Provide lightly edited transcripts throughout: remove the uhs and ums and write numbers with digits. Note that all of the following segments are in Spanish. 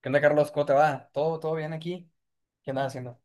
¿Qué onda, Carlos? ¿Cómo te va? ¿Todo bien aquí? ¿Qué andas haciendo?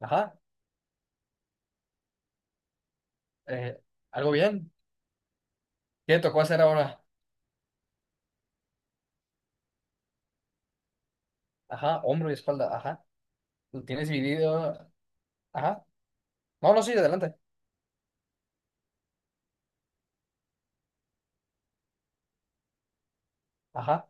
Ajá. eh, ¿algo bien? ¿Qué te tocó hacer ahora? Ajá. Hombro y espalda. Ajá. ¿Lo tienes dividido? Ajá. No, no, sí, adelante. Ajá.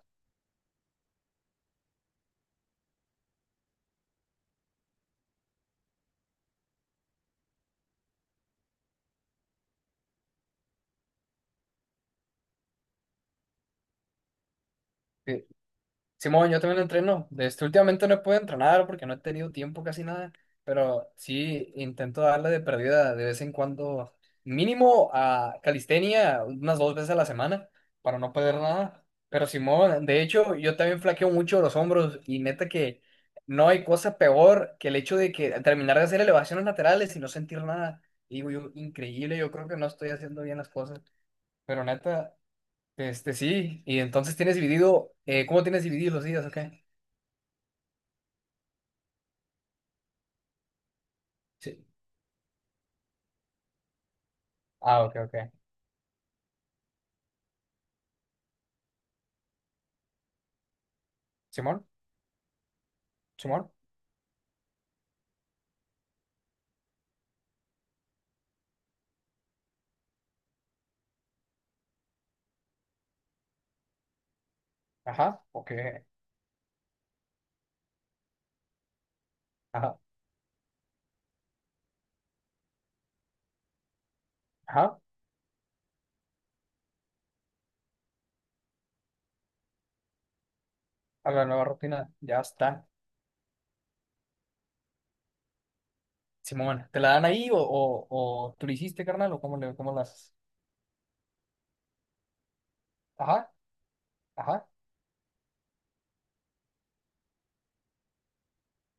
Sí. Simón, yo también entreno. Últimamente no he podido entrenar porque no he tenido tiempo casi nada, pero sí intento darle de perdida de vez en cuando, mínimo a calistenia unas 2 veces a la semana para no perder nada. Pero Simón, de hecho, yo también flaqueo mucho los hombros y neta que no hay cosa peor que el hecho de que terminar de hacer elevaciones laterales y no sentir nada. Y digo yo, increíble, yo creo que no estoy haciendo bien las cosas, pero neta. Sí, y entonces tienes dividido, ¿cómo tienes dividido los días? Ok. Sí. Ah, ok, ok. Simón, Simón. Ajá, ok, ajá, ajá, a la nueva rutina, ya está. Simón, ¿te la dan ahí o, tú lo hiciste, carnal, o cómo las? Ajá, ajá,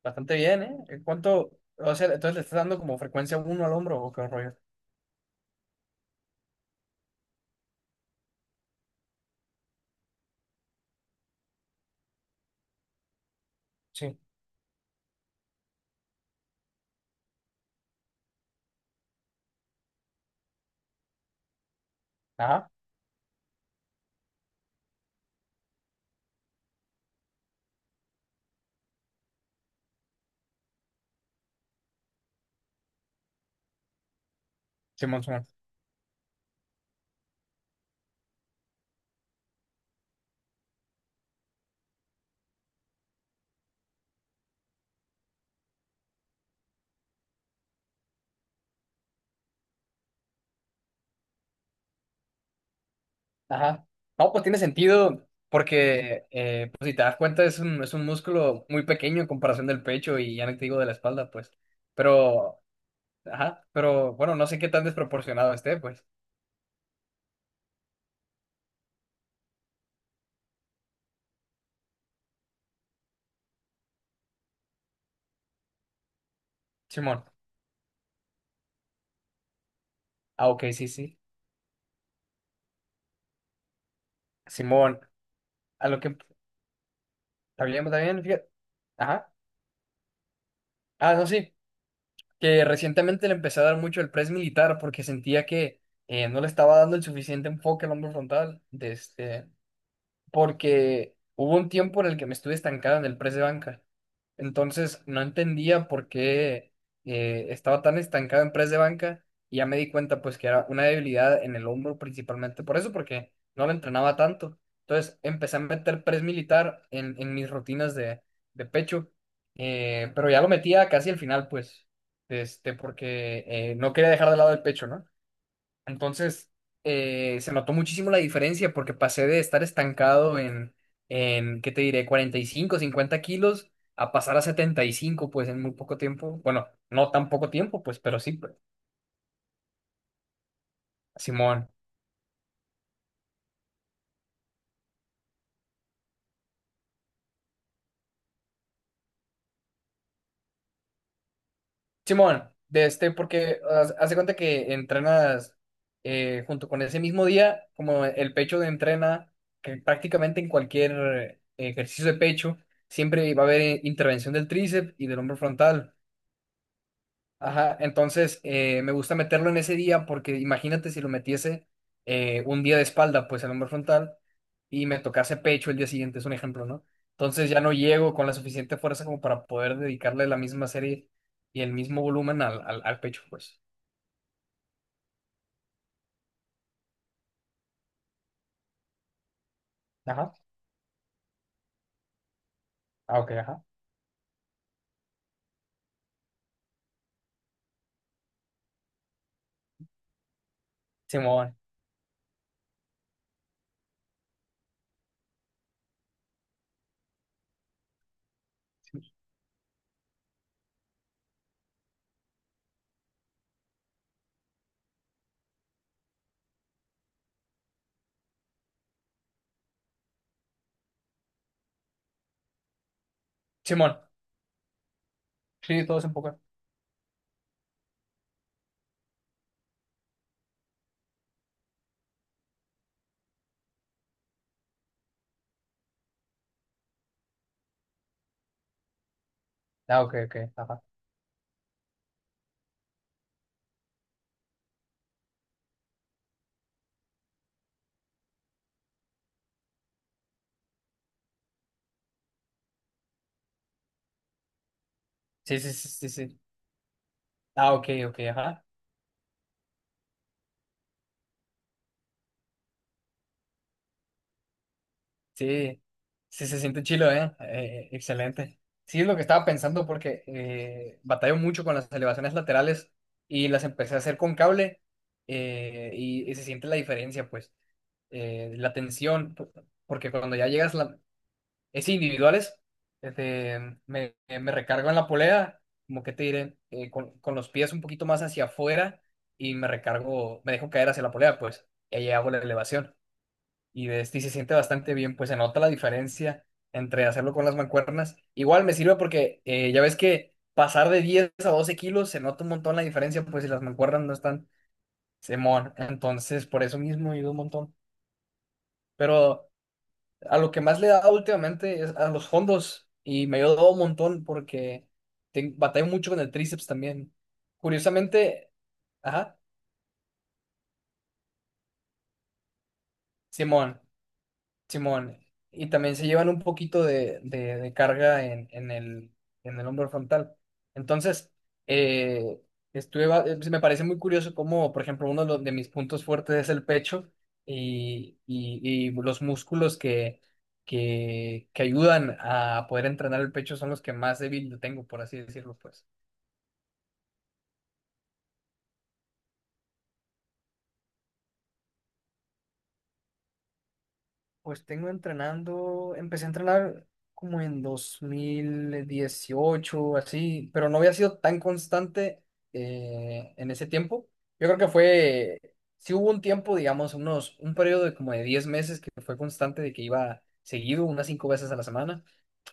bastante bien, ¿eh? ¿En cuánto, o sea, entonces le estás dando como frecuencia uno al hombro o qué rollo? Sí, ajá, Simón, Simón, ajá. No, pues tiene sentido porque, pues si te das cuenta, es un músculo muy pequeño en comparación del pecho y ya no te digo de la espalda, pues. Pero. Ajá, pero bueno, no sé qué tan desproporcionado esté, pues. Simón. Ah, ok, sí, sí. Simón, a lo que... está bien, está bien, fíjate. Ajá. Ah, no, sí. Que recientemente le empecé a dar mucho el press militar porque sentía que no le estaba dando el suficiente enfoque al hombro frontal. Porque hubo un tiempo en el que me estuve estancado en el press de banca. Entonces no entendía por qué estaba tan estancado en press de banca y ya me di cuenta pues que era una debilidad en el hombro principalmente por eso, porque no lo entrenaba tanto. Entonces empecé a meter press militar en mis rutinas de pecho, pero ya lo metía casi al final pues, porque no quería dejar de lado el pecho, ¿no? Entonces, se notó muchísimo la diferencia porque pasé de estar estancado en, ¿qué te diré? 45 50 kilos a pasar a 75 pues en muy poco tiempo. Bueno, no tan poco tiempo, pues, pero sí, pues. Simón. Simón, porque haz cuenta que entrenas junto con ese mismo día, como el pecho de entrena, que prácticamente en cualquier ejercicio de pecho, siempre va a haber intervención del tríceps y del hombro frontal. Ajá, entonces me gusta meterlo en ese día porque imagínate si lo metiese un día de espalda, pues el hombro frontal, y me tocase pecho el día siguiente, es un ejemplo, ¿no? Entonces ya no llego con la suficiente fuerza como para poder dedicarle la misma serie y el mismo volumen al pecho, pues. Ajá. Ah, ok, ajá. Simón, Simón, sí, todo es un poco. Ah, ok, ok, ajá. Sí, sí, sí, sí, sí, ah, ok, ok, ajá. Sí, sí se siente chilo, ¿eh? Excelente. Sí, es lo que estaba pensando porque batallo mucho con las elevaciones laterales y las empecé a hacer con cable, y se siente la diferencia, pues, la tensión. Porque cuando ya llegas, es individuales, me recargo en la polea, como que te diré, con los pies un poquito más hacia afuera y me recargo, me dejo caer hacia la polea, pues, y ahí hago la elevación y de este y se siente bastante bien, pues se nota la diferencia entre hacerlo con las mancuernas. Igual me sirve porque ya ves que pasar de 10 a 12 kilos se nota un montón la diferencia, pues si las mancuernas no están semón. Entonces, por eso mismo ayuda un montón. Pero a lo que más le da últimamente es a los fondos y me ayudó un montón porque batallo mucho con el tríceps también. Curiosamente, ajá, Simón. Simón, y también se llevan un poquito de carga en el hombro frontal. Entonces, eh, me parece muy curioso cómo, por ejemplo, uno de mis puntos fuertes es el pecho y, y- y los músculos que ayudan a poder entrenar el pecho son los que más débil lo tengo, por así decirlo, pues. Pues tengo entrenando, empecé a entrenar como en 2018 así, pero no había sido tan constante en ese tiempo. Yo creo que fue, sí hubo un tiempo, digamos, un periodo de como de 10 meses que fue constante, de que iba seguido, unas 5 veces a la semana.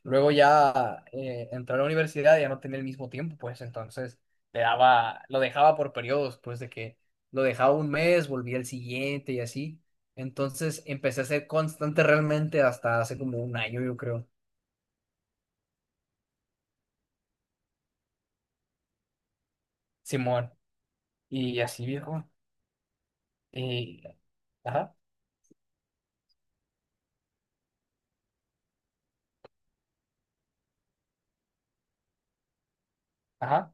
Luego ya entré a la universidad y ya no tenía el mismo tiempo, pues entonces lo dejaba por periodos, pues de que lo dejaba un mes, volvía el siguiente y así. Entonces empecé a ser constante realmente hasta hace como un año, yo creo. Simón. Y así, viejo. Y, ajá, ajá.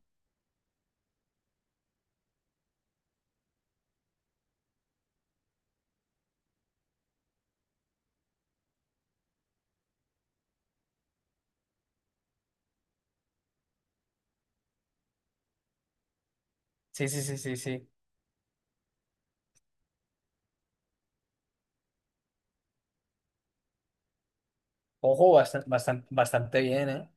Sí, sí, sí, sí, sí. Ojo, bastante, bastante, bastante bien, ¿eh?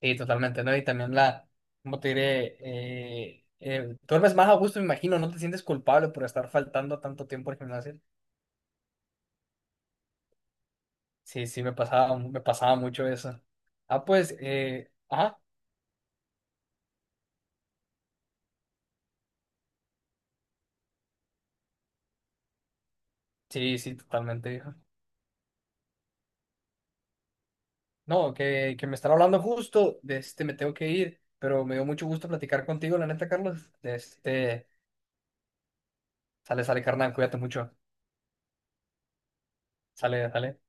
Sí, totalmente, ¿no? Y también, ¿cómo te diré? Duermes más a gusto, me imagino, no te sientes culpable por estar faltando tanto tiempo al gimnasio. Sí, sí, me pasaba mucho eso. Ah, pues, ajá. Sí, sí, totalmente, viejo. No, que me están hablando justo, de este me tengo que ir, pero me dio mucho gusto platicar contigo, la neta, Carlos. Sale, sale, carnal, cuídate mucho. Sale, sale.